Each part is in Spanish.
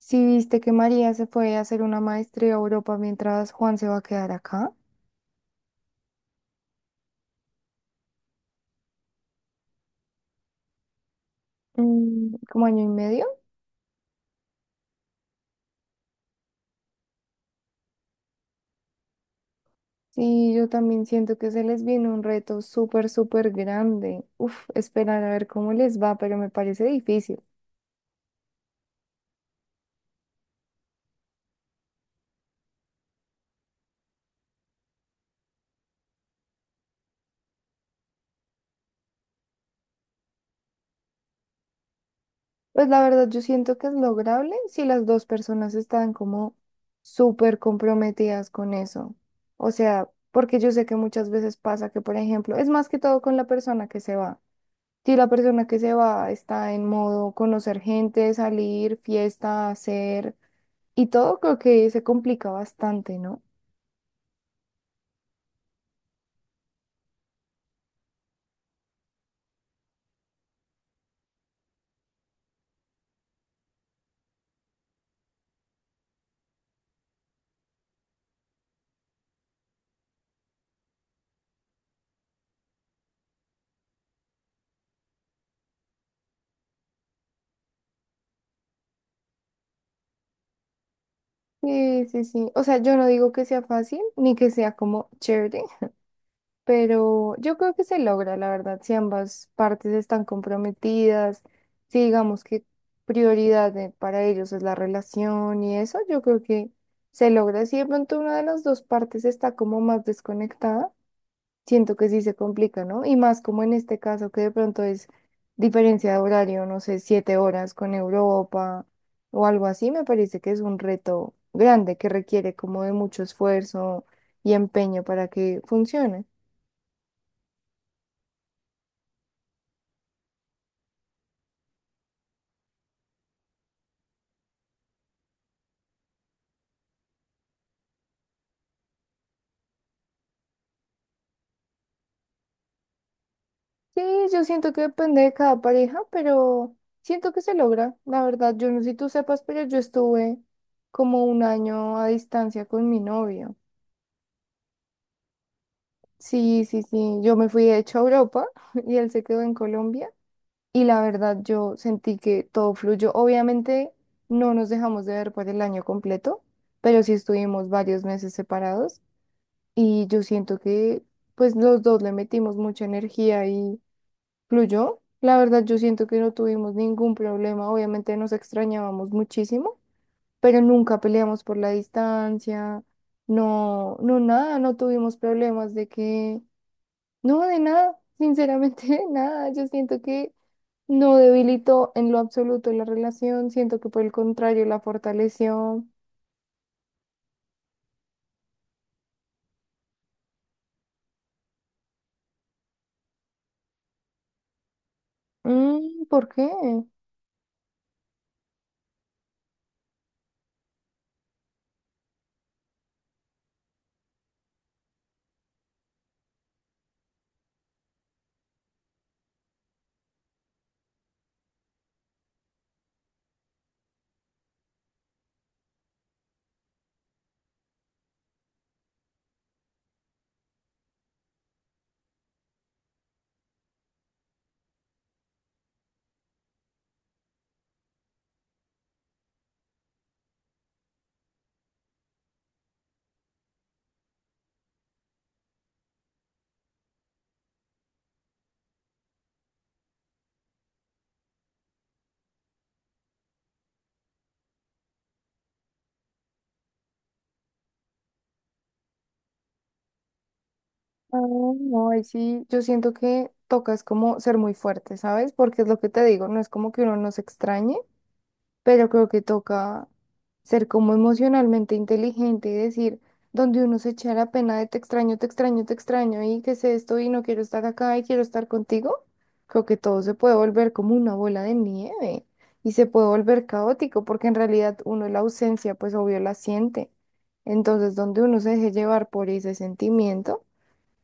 Si viste que María se fue a hacer una maestría a Europa mientras Juan se va a quedar acá. Como año y medio. Sí, yo también siento que se les viene un reto súper, súper grande. Uf, esperar a ver cómo les va, pero me parece difícil. Pues la verdad, yo siento que es lograble si las dos personas están como súper comprometidas con eso. O sea, porque yo sé que muchas veces pasa que, por ejemplo, es más que todo con la persona que se va. Si la persona que se va está en modo conocer gente, salir, fiesta, hacer y todo, creo que se complica bastante, ¿no? Sí, sí, sí. O sea, yo no digo que sea fácil ni que sea como chévere, pero yo creo que se logra, la verdad, si ambas partes están comprometidas, si digamos que para ellos es la relación y eso, yo creo que se logra. Si de pronto una de las dos partes está como más desconectada, siento que sí se complica, ¿no? Y más como en este caso que de pronto es diferencia de horario, no sé, 7 horas con Europa o algo así. Me parece que es un reto grande que requiere como de mucho esfuerzo y empeño para que funcione. Sí, yo siento que depende de cada pareja, pero siento que se logra. La verdad, yo no sé si tú sepas, pero yo estuve como un año a distancia con mi novio. Sí, sí, sí. Yo me fui de hecho a Europa y él se quedó en Colombia. Y la verdad yo sentí que todo fluyó. Obviamente no nos dejamos de ver por el año completo, pero sí estuvimos varios meses separados y yo siento que pues los dos le metimos mucha energía y fluyó. La verdad yo siento que no tuvimos ningún problema, obviamente nos extrañábamos muchísimo, pero nunca peleamos por la distancia. No, no nada, no tuvimos problemas de que, no, de nada, sinceramente nada, yo siento que... No debilitó en lo absoluto la relación. Siento que por el contrario la fortaleció. Mm, ¿por qué? Ah, no, ahí sí, yo siento que toca es como ser muy fuerte, ¿sabes? Porque es lo que te digo, no es como que uno nos extrañe, pero creo que toca ser como emocionalmente inteligente y decir, donde uno se echa la pena de te extraño, te extraño, te extraño y que sé esto y no quiero estar acá y quiero estar contigo, creo que todo se puede volver como una bola de nieve y se puede volver caótico porque en realidad uno la ausencia pues obvio la siente. Entonces, donde uno se deje llevar por ese sentimiento,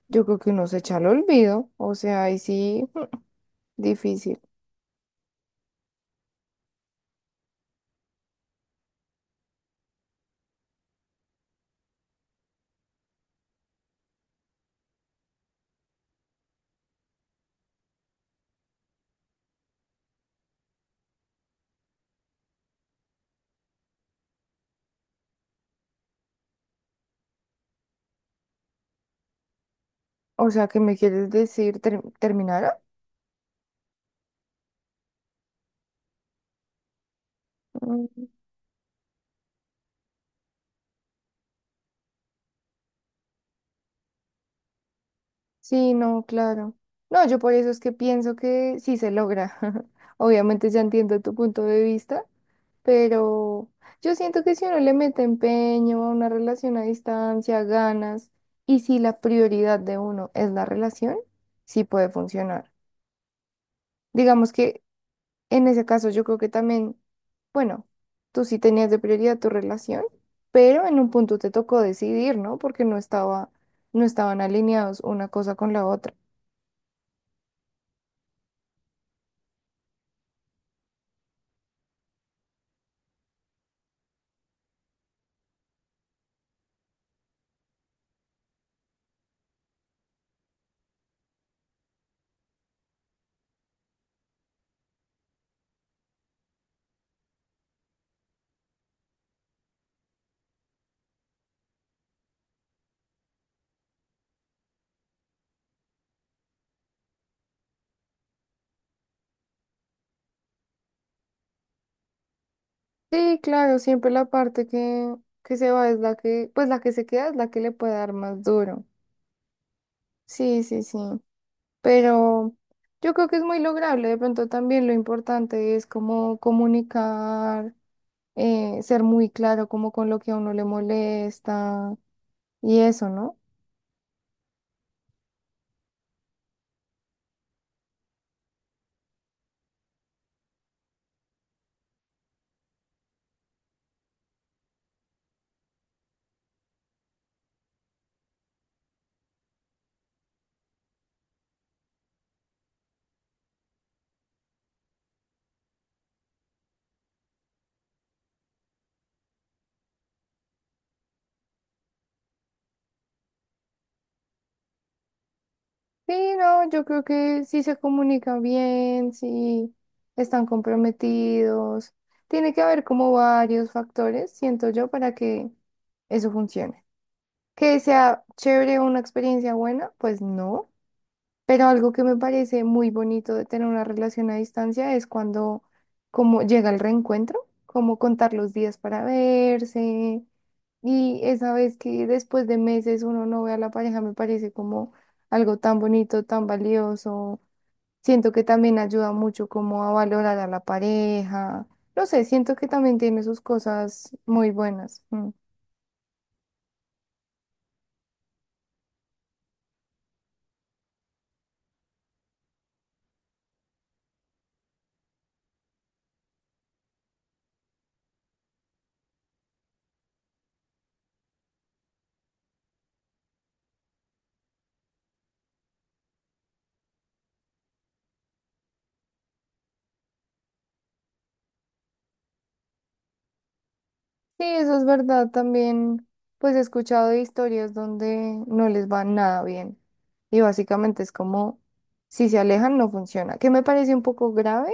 yo creo que uno se echa al olvido, o sea, ahí sí, difícil. O sea, ¿qué me quieres decir? ¿Terminaron? Sí, no, claro. No, yo por eso es que pienso que sí se logra. Obviamente ya entiendo tu punto de vista, pero yo siento que si uno le mete empeño a una relación a distancia, ganas, y si la prioridad de uno es la relación, sí puede funcionar. Digamos que en ese caso yo creo que también, bueno, tú sí tenías de prioridad tu relación, pero en un punto te tocó decidir, ¿no? Porque no estaban alineados una cosa con la otra. Sí, claro, siempre la parte que se va es la que, pues la que se queda es la que le puede dar más duro. Sí, sí, sí. Pero yo creo que es muy lograble. De pronto también lo importante es como comunicar, ser muy claro como con lo que a uno le molesta y eso, ¿no? Sí, no, yo creo que sí se comunica bien, sí están comprometidos. Tiene que haber como varios factores, siento yo, para que eso funcione. Que sea chévere, una experiencia buena, pues no. Pero algo que me parece muy bonito de tener una relación a distancia es cuando como llega el reencuentro, como contar los días para verse. Y esa vez que después de meses uno no ve a la pareja me parece como algo tan bonito, tan valioso. Siento que también ayuda mucho como a valorar a la pareja. No sé, siento que también tiene sus cosas muy buenas. Mm. Sí, eso es verdad. También, pues he escuchado de historias donde no les va nada bien. Y básicamente es como, si se alejan, no funciona. Que me parece un poco grave,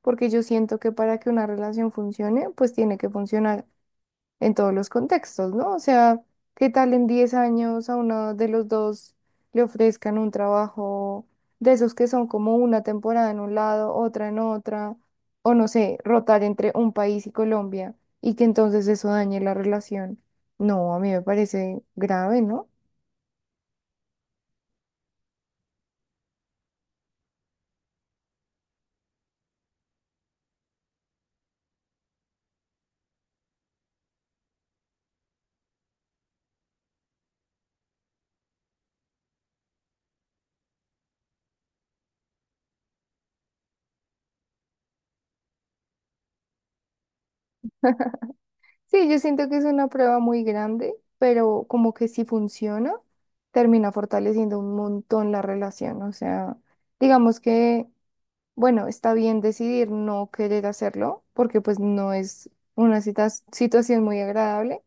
porque yo siento que para que una relación funcione, pues tiene que funcionar en todos los contextos, ¿no? O sea, ¿qué tal en 10 años a uno de los dos le ofrezcan un trabajo de esos que son como una temporada en un lado, otra en otra, o no sé, rotar entre un país y Colombia y que entonces eso dañe la relación? No, a mí me parece grave, ¿no? Sí, yo siento que es una prueba muy grande, pero como que si funciona, termina fortaleciendo un montón la relación, o sea, digamos que... Bueno, está bien decidir no querer hacerlo porque pues no es una situación muy agradable,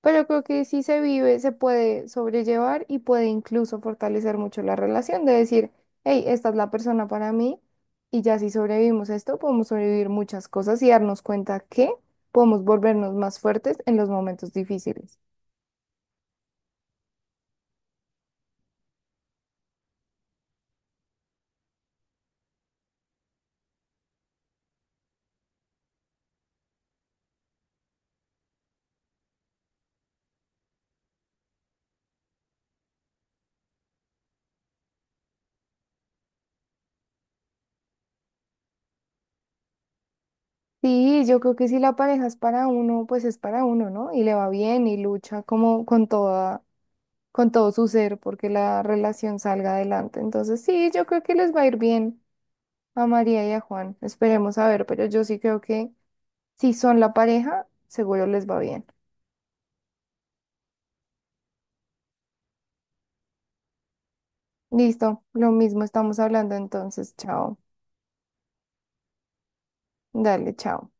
pero creo que si se vive, se puede sobrellevar y puede incluso fortalecer mucho la relación de decir, hey, esta es la persona para mí y ya si sobrevivimos a esto, podemos sobrevivir muchas cosas y darnos cuenta que podemos volvernos más fuertes en los momentos difíciles. Sí, yo creo que si la pareja es para uno, pues es para uno, ¿no? Y le va bien y lucha como con toda con todo su ser porque la relación salga adelante. Entonces, sí, yo creo que les va a ir bien a María y a Juan. Esperemos a ver, pero yo sí creo que si son la pareja, seguro les va bien. Listo, lo mismo estamos hablando entonces. Chao. Dale, chao.